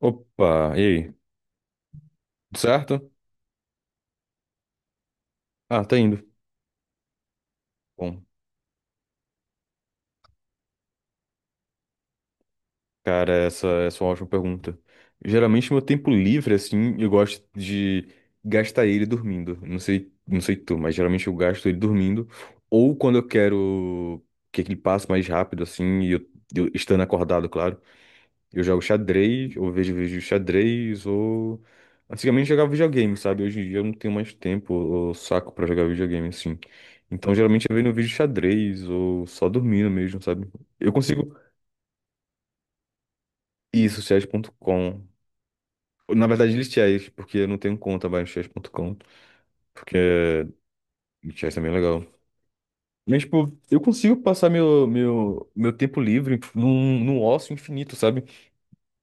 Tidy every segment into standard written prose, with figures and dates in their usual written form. Opa, e aí? Tudo certo? Ah, tá indo. Bom, cara, essa é uma ótima pergunta. Geralmente, meu tempo livre, assim, eu gosto de gastar ele dormindo. Não sei, não sei tu, mas geralmente eu gasto ele dormindo. Ou quando eu quero que ele passe mais rápido, assim, e eu estando acordado, claro. Eu jogo xadrez, ou vejo vídeo de xadrez, ou. Antigamente eu jogava videogame, sabe? Hoje em dia eu não tenho mais tempo ou saco pra jogar videogame assim. Então geralmente eu vejo no vídeo de xadrez, ou só dormindo mesmo, sabe? Eu consigo. Isso, chess.com. Na verdade, ele chess, porque eu não tenho conta mais no chess.com. Porque chess é bem legal. Mas, tipo, eu consigo passar meu tempo livre num ócio infinito, sabe?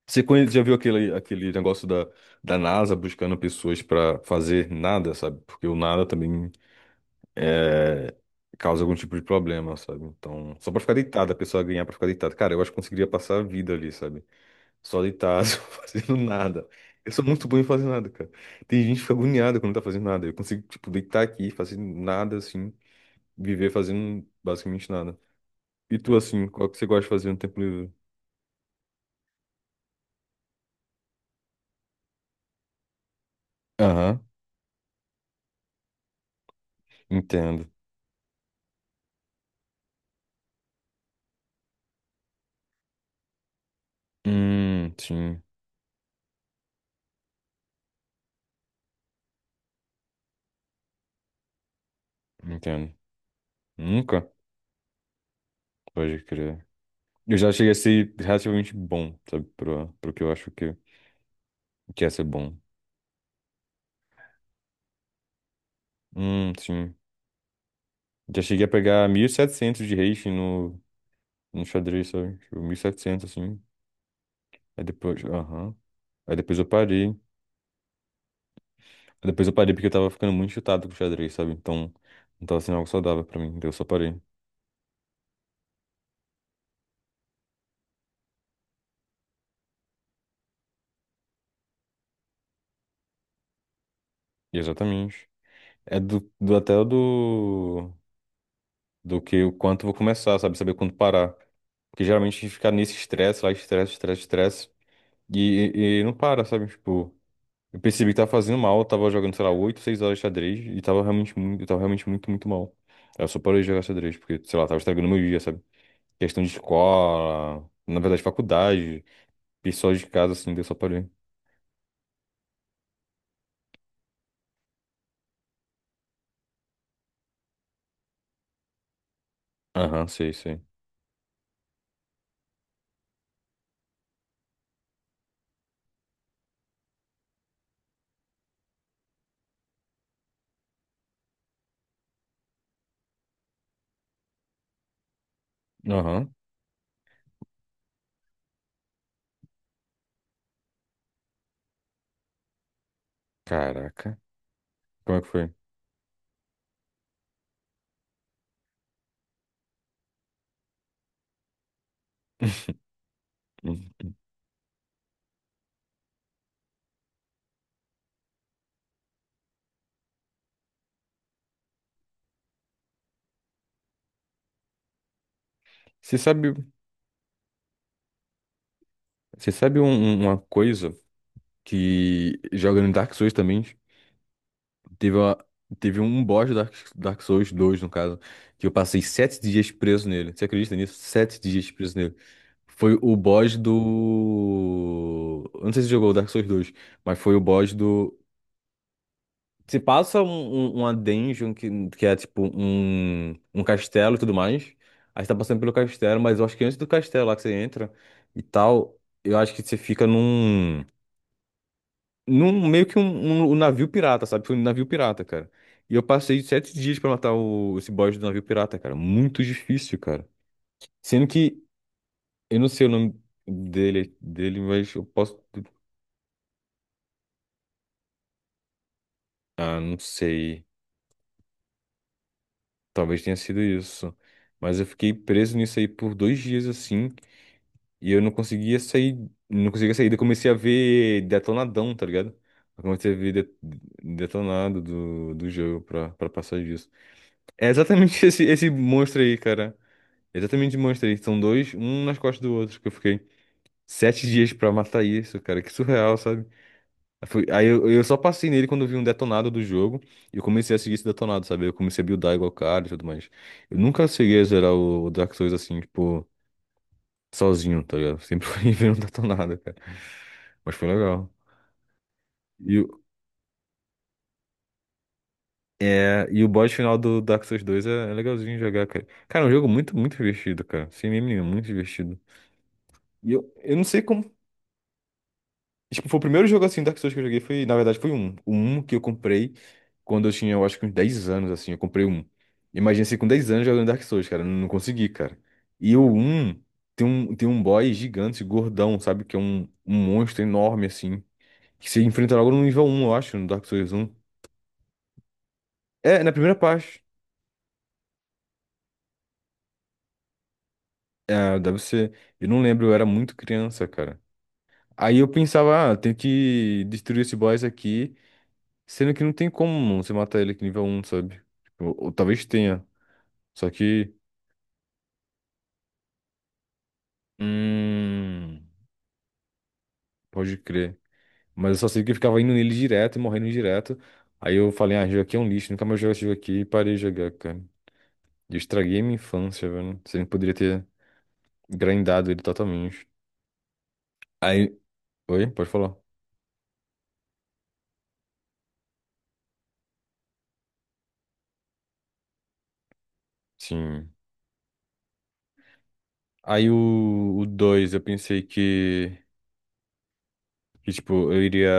Você já viu aquele negócio da NASA buscando pessoas pra fazer nada, sabe? Porque o nada também é, causa algum tipo de problema, sabe? Então, só pra ficar deitado, a pessoa ganhar pra ficar deitada. Cara, eu acho que conseguiria passar a vida ali, sabe? Só deitado, só fazendo nada. Eu sou muito bom em fazer nada, cara. Tem gente que fica agoniada quando não tá fazendo nada. Eu consigo, tipo, deitar aqui, fazer nada, assim, viver fazendo basicamente nada. E tu, assim, qual que você gosta de fazer no tempo livre? Aham, entendo. Sim, entendo. Nunca? Pode crer. Eu já cheguei a ser relativamente bom, sabe? Pro que eu acho que é ser bom. Sim. Já cheguei a pegar 1.700 de rating no xadrez, sabe? Tipo, 1.700 assim. Aí depois, aham. Aí depois eu parei. Aí depois eu parei porque eu tava ficando muito chutado com o xadrez, sabe? Então, não tava sendo algo saudável pra mim. Daí eu só parei. E exatamente. É do até o do... Do que o quanto eu vou começar, sabe? Saber quando parar. Porque geralmente a gente fica nesse estresse lá, estresse, estresse, estresse. E, e não para, sabe? Tipo, eu percebi que tava fazendo mal, eu tava jogando, sei lá, 8 6 horas de xadrez e tava realmente muito, eu tava realmente muito, muito mal. Aí eu só parei de jogar xadrez, porque, sei lá, tava estragando meu dia, sabe? Questão de escola, na verdade, faculdade, pessoal de casa, assim, daí eu só parei. Aham, sei, sei. Aham, caraca. Como é que foi? Hum. Você sabe, você sabe uma coisa que jogando Dark Souls também. Teve, uma, teve um boss do Dark Souls dois no caso, que eu passei 7 dias preso nele. Você acredita nisso? 7 dias preso nele. Foi o boss do. Eu não sei se você jogou o Dark Souls dois, mas foi o boss do. Você passa uma dungeon que é tipo um castelo e tudo mais. Aí você tá passando pelo castelo, mas eu acho que antes do castelo lá que você entra e tal, eu acho que você fica num meio que um navio pirata, sabe? Foi um navio pirata, cara. E eu passei 7 dias pra matar esse boss do navio pirata, cara. Muito difícil, cara. Sendo que eu não sei o nome dele, mas eu posso. Ah, não sei. Talvez tenha sido isso. Mas eu fiquei preso nisso aí por 2 dias assim. E eu não conseguia sair. Não conseguia sair. Daí eu comecei a ver detonadão, tá ligado? Eu comecei a ver detonado do jogo pra passar disso. É exatamente esse monstro aí, cara. Exatamente de Monster Inc. São dois, um nas costas do outro, que eu fiquei 7 dias pra matar isso, cara. Que surreal, sabe? Aí eu só passei nele quando eu vi um detonado do jogo e eu comecei a seguir esse detonado, sabe? Eu comecei a buildar igual o cara e tudo mais. Eu nunca cheguei a zerar o Dark Souls assim, tipo, sozinho, tá ligado? Sempre fui vendo um detonado, cara. Mas foi legal. E, o- e o boss final do Dark Souls dois é legalzinho jogar, cara. Cara, é um jogo muito, muito divertido, cara. Sem meme nenhum, muito divertido. E eu não sei como. Tipo, foi o primeiro jogo assim Dark Souls que eu joguei foi, na verdade, foi um. O um que eu comprei quando eu tinha, eu acho que uns 10 anos, assim, eu comprei um. Imagina se com 10 anos jogando Dark Souls, cara. Eu não consegui, cara. E o um tem um, boss gigante, gordão, sabe? Que é um monstro enorme, assim. Que você enfrenta logo no nível um, eu acho, no Dark Souls um. É, na primeira parte. É, deve ser. Eu não lembro, eu era muito criança, cara. Aí eu pensava, ah, tenho que destruir esse boss aqui. Sendo que não tem como você matar ele com nível um, sabe? Tipo, ou, talvez tenha. Só que. Hum. Pode crer. Mas eu só sei que eu ficava indo nele direto e morrendo direto. Aí eu falei, ah, esse jogo aqui é um lixo, nunca mais jogo esse jogo aqui e parei de jogar, cara. E eu estraguei minha infância, velho. Você poderia ter grindado ele totalmente. Aí. Oi? Pode falar? Sim. Aí 2 eu pensei que. Que, tipo, eu iria.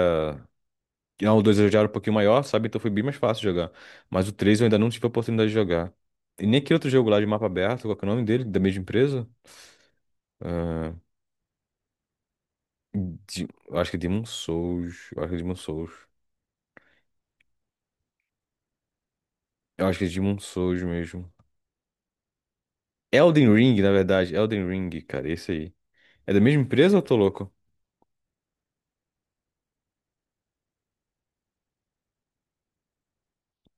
Não, o 2 eu já era um pouquinho maior, sabe? Então foi bem mais fácil jogar. Mas o 3 eu ainda não tive a oportunidade de jogar. E nem aquele outro jogo lá de mapa aberto, qual que é o nome dele? Da mesma empresa? Ah, eu acho que é Demon Souls. Eu acho que é Demon Souls. Eu acho que é Demon Souls mesmo. Elden Ring, na verdade. Elden Ring, cara, esse aí. É da mesma empresa ou eu tô louco?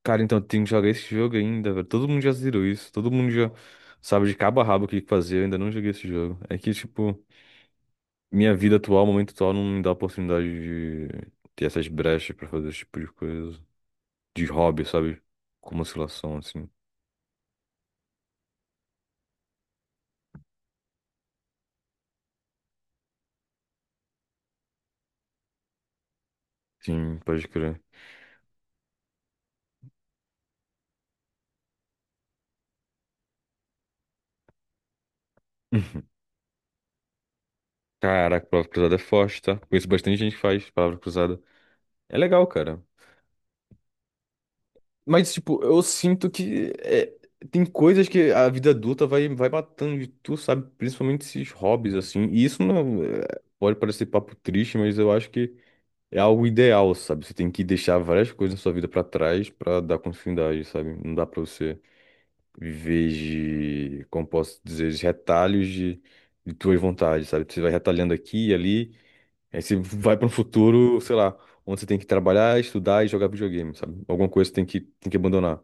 Cara, então eu tenho que jogar esse jogo ainda, velho. Todo mundo já zerou isso. Todo mundo já sabe de cabo a rabo o que fazer. Eu ainda não joguei esse jogo. É que, tipo. Minha vida atual, momento atual, não me dá a oportunidade de ter essas brechas pra fazer esse tipo de coisa. De hobby, sabe? Como oscilação, assim. Sim, pode crer. Caraca, palavra cruzada é forte, tá? Conheço bastante gente que faz palavra cruzada. É legal, cara. Mas, tipo, eu sinto que é, tem coisas que a vida adulta vai, vai matando de tu, sabe? Principalmente esses hobbies, assim. E isso não é- pode parecer papo triste, mas eu acho que. É algo ideal, sabe? Você tem que deixar várias coisas na sua vida pra trás pra dar continuidade, sabe? Não dá pra você viver de, como posso dizer, de retalhos de tuas vontades, sabe? Você vai retalhando aqui e ali, aí você vai pra um futuro, sei lá, onde você tem que trabalhar, estudar e jogar videogame, sabe? Alguma coisa você tem que abandonar.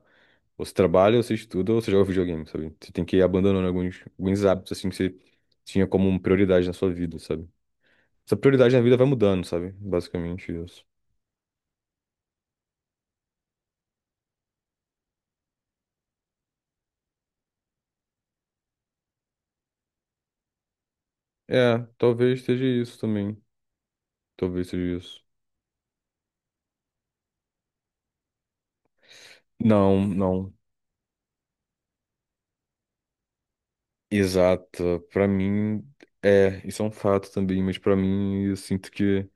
Ou você trabalha, ou você estuda, ou você joga videogame, sabe? Você tem que ir abandonando alguns hábitos, assim, que você tinha como prioridade na sua vida, sabe? Essa prioridade na vida vai mudando, sabe? Basicamente isso. É, talvez seja isso também. Talvez seja isso. Não, não. Exato. Pra mim, é, isso é um fato também, mas pra mim, eu sinto que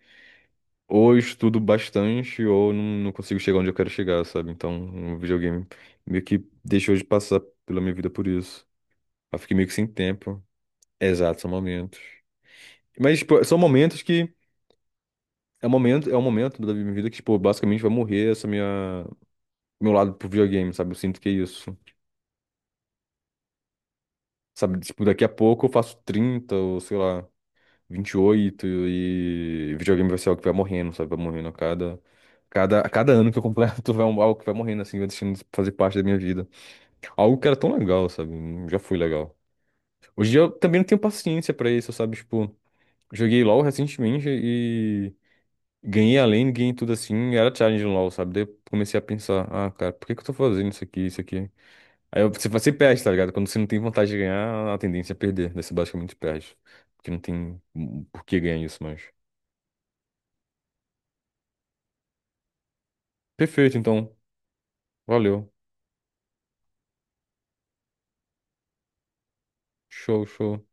ou eu estudo bastante ou não, não consigo chegar onde eu quero chegar, sabe? Então, o videogame meio que deixou de passar pela minha vida por isso. Eu fiquei meio que sem tempo. Exato, são momentos. Mas, tipo, são momentos que. É um momento da minha vida que, tipo, basicamente vai morrer essa minha, meu lado pro videogame, sabe? Eu sinto que é isso. Sabe, tipo, daqui a pouco eu faço 30 ou sei lá, 28, e videogame vai ser algo que vai morrendo, sabe? Vai morrendo a cada ano que eu completo, vai algo que vai morrendo, assim, vai deixando de fazer parte da minha vida. Algo que era tão legal, sabe? Já foi legal. Hoje em dia eu também não tenho paciência pra isso, sabe? Tipo, joguei LoL recentemente e ganhei a lane, ganhei tudo assim, era challenge no LoL, sabe? Daí eu comecei a pensar, ah, cara, por que que eu tô fazendo isso aqui, isso aqui? Aí você perde, tá ligado? Quando você não tem vontade de ganhar, a tendência é perder. Daí você basicamente perde. Porque não tem por que ganhar isso mais. Perfeito, então. Valeu. Show, show.